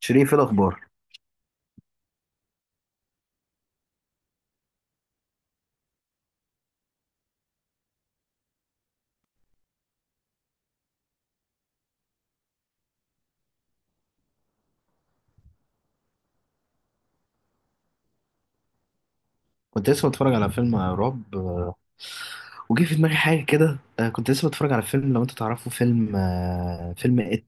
شريف، ايه الاخبار؟ كنت لسه بتفرج على فيلم رعب. وجه في دماغي حاجه كده. كنت لسه بتفرج على فيلم، لو انت تعرفه، فيلم فيلم ات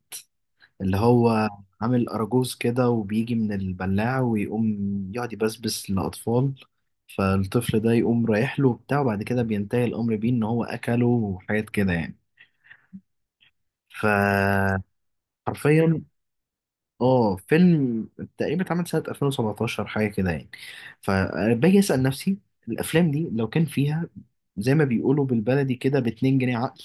اللي هو عامل اراجوز كده وبيجي من البلاعه ويقوم يقعد يبسبس للاطفال، فالطفل ده يقوم رايح له وبتاع، وبعد كده بينتهي الامر بيه ان هو اكله وحاجات كده يعني. ف حرفيا اه فيلم تقريبا اتعمل سنة 2017 حاجة كده يعني. فباجي أسأل نفسي، الأفلام دي لو كان فيها زي ما بيقولوا بالبلدي كده باتنين جنيه عقل،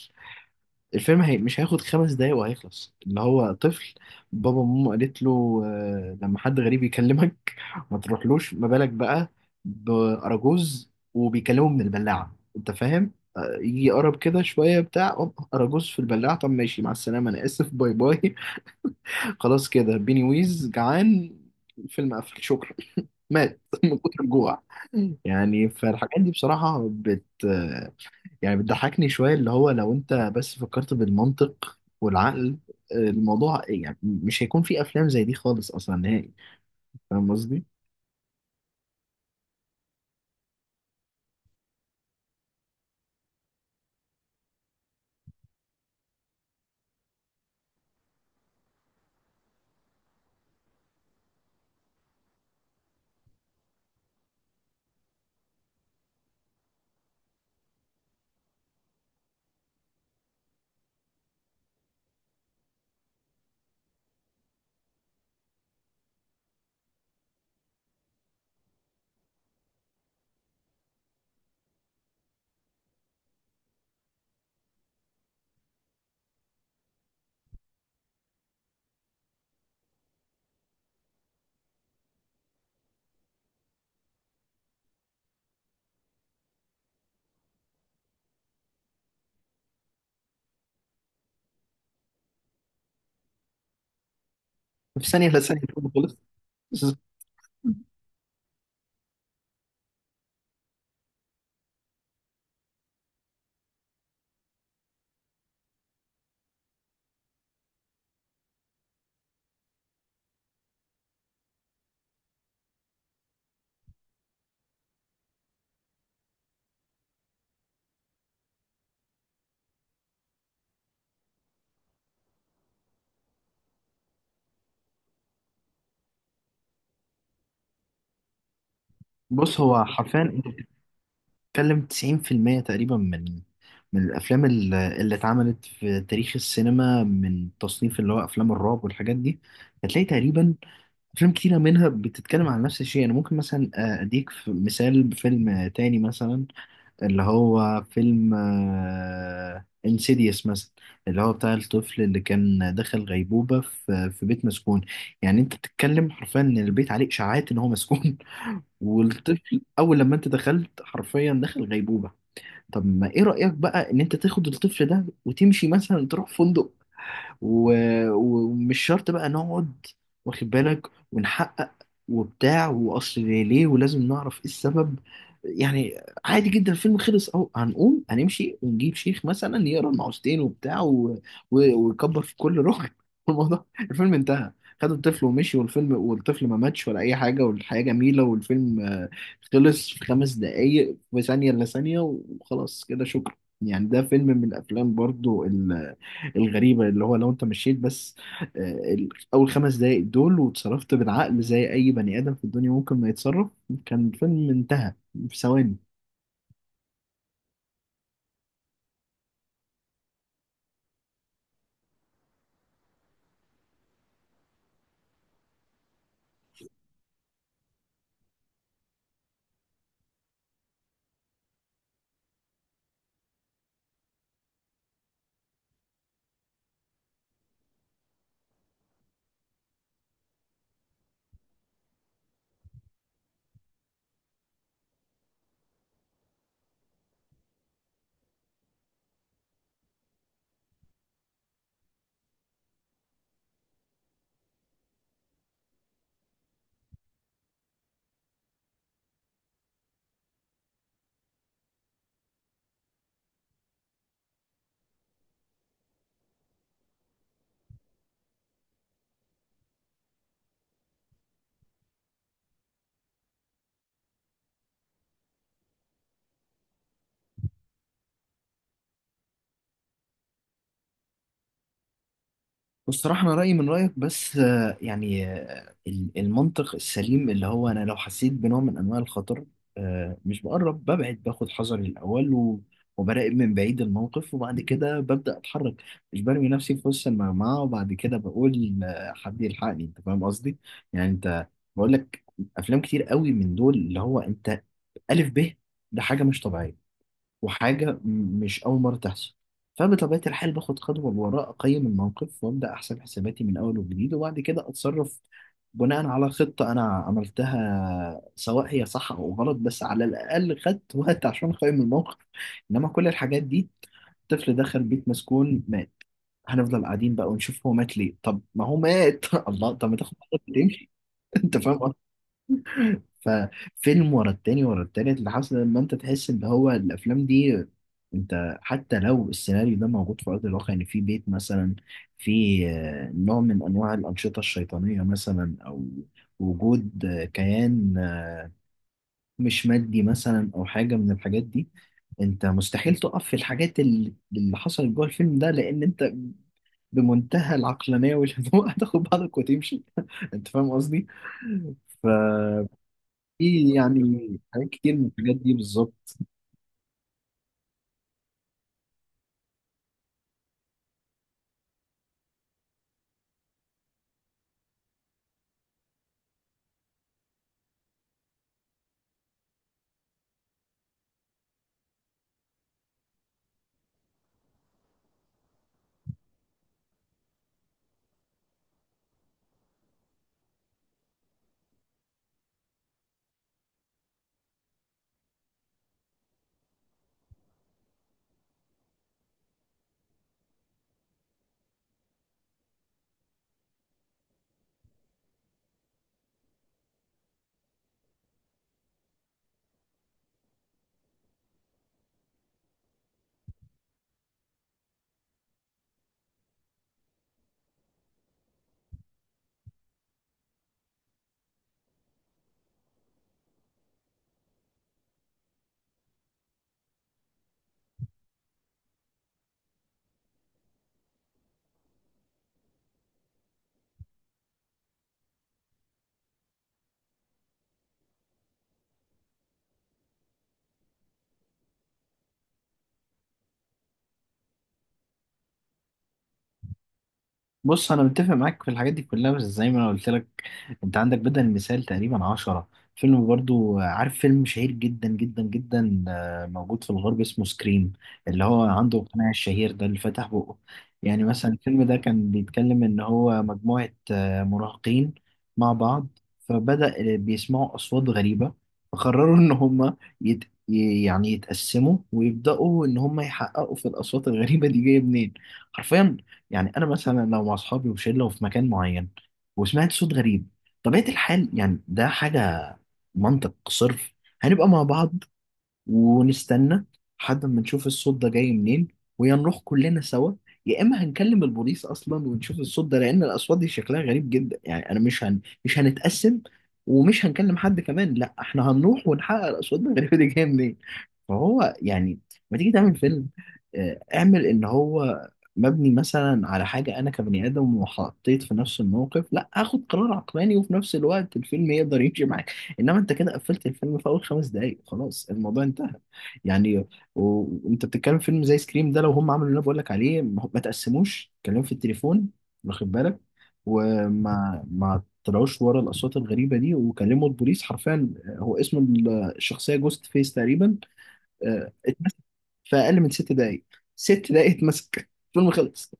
الفيلم هي مش هياخد خمس دقايق وهيخلص. اللي هو طفل، بابا وماما قالت له، لما حد غريب يكلمك ما تروحلوش، ما بالك بقى بأراجوز وبيكلمه من البلاعة، انت فاهم؟ يجي يقرب كده شوية بتاع أوب، أراجوز في البلاعة، طب ماشي، مع السلامة، أنا آسف، باي باي. خلاص كده بيني ويز جعان، الفيلم قفل، شكرا. مات من كتر الجوع. يعني فالحاجات دي بصراحة بت، يعني بتضحكني شوية. اللي هو لو انت بس فكرت بالمنطق والعقل، الموضوع يعني مش هيكون في افلام زي دي خالص، اصلا نهائي. فاهم قصدي؟ في ثانية لا ثانية الفيلم خلص. بس- بص، هو حرفيا انت بتتكلم 90% تقريبا من من الافلام اللي اتعملت في تاريخ السينما من تصنيف اللي هو افلام الرعب والحاجات دي، هتلاقي تقريبا أفلام كتيرة منها بتتكلم عن نفس الشيء. أنا ممكن مثلا أديك مثال بفيلم تاني مثلا، اللي هو فيلم انسيديوس مثلا، اللي هو بتاع الطفل اللي كان دخل غيبوبة في في بيت مسكون. يعني أنت بتتكلم حرفيا إن البيت عليه إشاعات إن هو مسكون، والطفل أول لما أنت دخلت حرفيا دخل غيبوبة. طب ما إيه رأيك بقى إن أنت تاخد الطفل ده وتمشي مثلا تروح فندق، و... ومش شرط بقى نقعد، واخد بالك، ونحقق وبتاع، واصل ليه ليه، ولازم نعرف ايه السبب. يعني عادي جدا، الفيلم خلص اهو، هنقوم هنمشي ونجيب شيخ مثلا يقرا المعوذتين وبتاع، و... و... ويكبر في كل ركن، الموضوع الفيلم انتهى، خدوا الطفل ومشي والفيلم، والطفل ما ماتش ولا اي حاجه، والحياه جميله، والفيلم خلص في خمس دقايق، في ثانيه الا ثانيه، وخلاص كده شكرا. يعني ده فيلم من الافلام برضو الغريبة اللي هو لو انت مشيت بس آه، اول خمس دقايق دول وتصرفت بالعقل زي اي بني ادم في الدنيا ممكن ما يتصرف، كان الفيلم انتهى في ثواني. بصراحة أنا رأيي من رأيك، بس المنطق السليم اللي هو أنا لو حسيت بنوع من أنواع الخطر، مش بقرب، ببعد، باخد حذري الأول وبراقب من بعيد الموقف، وبعد كده ببدأ أتحرك. مش برمي نفسي في وسط المجموعة وبعد كده بقول، حد يلحقني. أنت فاهم قصدي؟ يعني أنت، بقول لك أفلام كتير قوي من دول اللي هو أنت ألف ب، ده حاجة مش طبيعية وحاجة مش أول مرة تحصل، فبطبيعة الحال باخد خطوة لورا، أقيم الموقف وأبدأ أحسب حساباتي من أول وجديد، وبعد كده أتصرف بناء على خطة أنا عملتها، سواء هي صح أو غلط، بس على الأقل خدت وقت عشان أقيم الموقف. إنما كل الحاجات دي، طفل دخل بيت مسكون مات، هنفضل قاعدين بقى ونشوف هو مات ليه؟ طب ما هو مات، الله، طب ما تاخد خطوة تمشي. أنت فاهم. ففيلم ورا التاني ورا التالت، لحسن لما انت تحس ان هو الافلام دي، انت حتى لو السيناريو ده موجود في ارض الواقع، يعني في بيت مثلا في نوع من انواع الانشطه الشيطانيه مثلا، او وجود كيان مش مادي مثلا، او حاجه من الحاجات دي، انت مستحيل تقف في الحاجات اللي حصلت جوه الفيلم ده، لان انت بمنتهى العقلانيه والهدوء هتاخد بعضك وتمشي. انت فاهم قصدي؟ ف في يعني حاجات كتير من الحاجات دي بالظبط. بص، انا متفق معاك في الحاجات دي كلها، بس زي ما انا قلت لك، انت عندك بدل المثال تقريبا عشرة فيلم. برضو عارف فيلم شهير جدا جدا جدا، موجود في الغرب، اسمه سكريم، اللي هو عنده قناع الشهير ده اللي فتح بقه. يعني مثلا الفيلم ده كان بيتكلم ان هو مجموعة مراهقين مع بعض، فبدأ بيسمعوا اصوات غريبة، فقرروا ان هم يعني يتقسموا ويبدأوا ان هم يحققوا في الاصوات الغريبة دي جاية منين. حرفيا، يعني انا مثلا لو مع اصحابي وشله وفي مكان معين وسمعت صوت غريب، طبيعه الحال يعني ده حاجه منطق صرف، هنبقى مع بعض ونستنى لحد ما نشوف الصوت ده جاي منين، ويا نروح كلنا سوا، يا اما هنكلم البوليس اصلا ونشوف الصوت ده، لان الاصوات دي شكلها غريب جدا. يعني انا مش مش هنتقسم ومش هنكلم حد كمان، لا احنا هنروح ونحقق الاصوات الغريبه دي جايه منين. فهو يعني لما تيجي تعمل فيلم، اعمل ان هو مبني مثلا على حاجة انا كبني ادم وحطيت في نفس الموقف لا اخد قرار عقلاني، وفي نفس الوقت الفيلم يقدر يمشي معاك، انما انت كده قفلت الفيلم في اول خمس دقايق، خلاص الموضوع انتهى يعني. وانت بتتكلم فيلم زي سكريم ده، لو هم عملوا اللي انا بقول لك عليه، ما تقسموش كلام في التليفون، واخد بالك، وما ما طلعوش ورا الاصوات الغريبه دي وكلموا البوليس، حرفيا هو اسم الشخصيه جوست فيس تقريبا، اتمسك في اقل من ست دقايق. ست دقايق اتمسك، الفيلم خلص.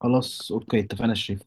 خلاص اوكي، اتفقنا الشيء.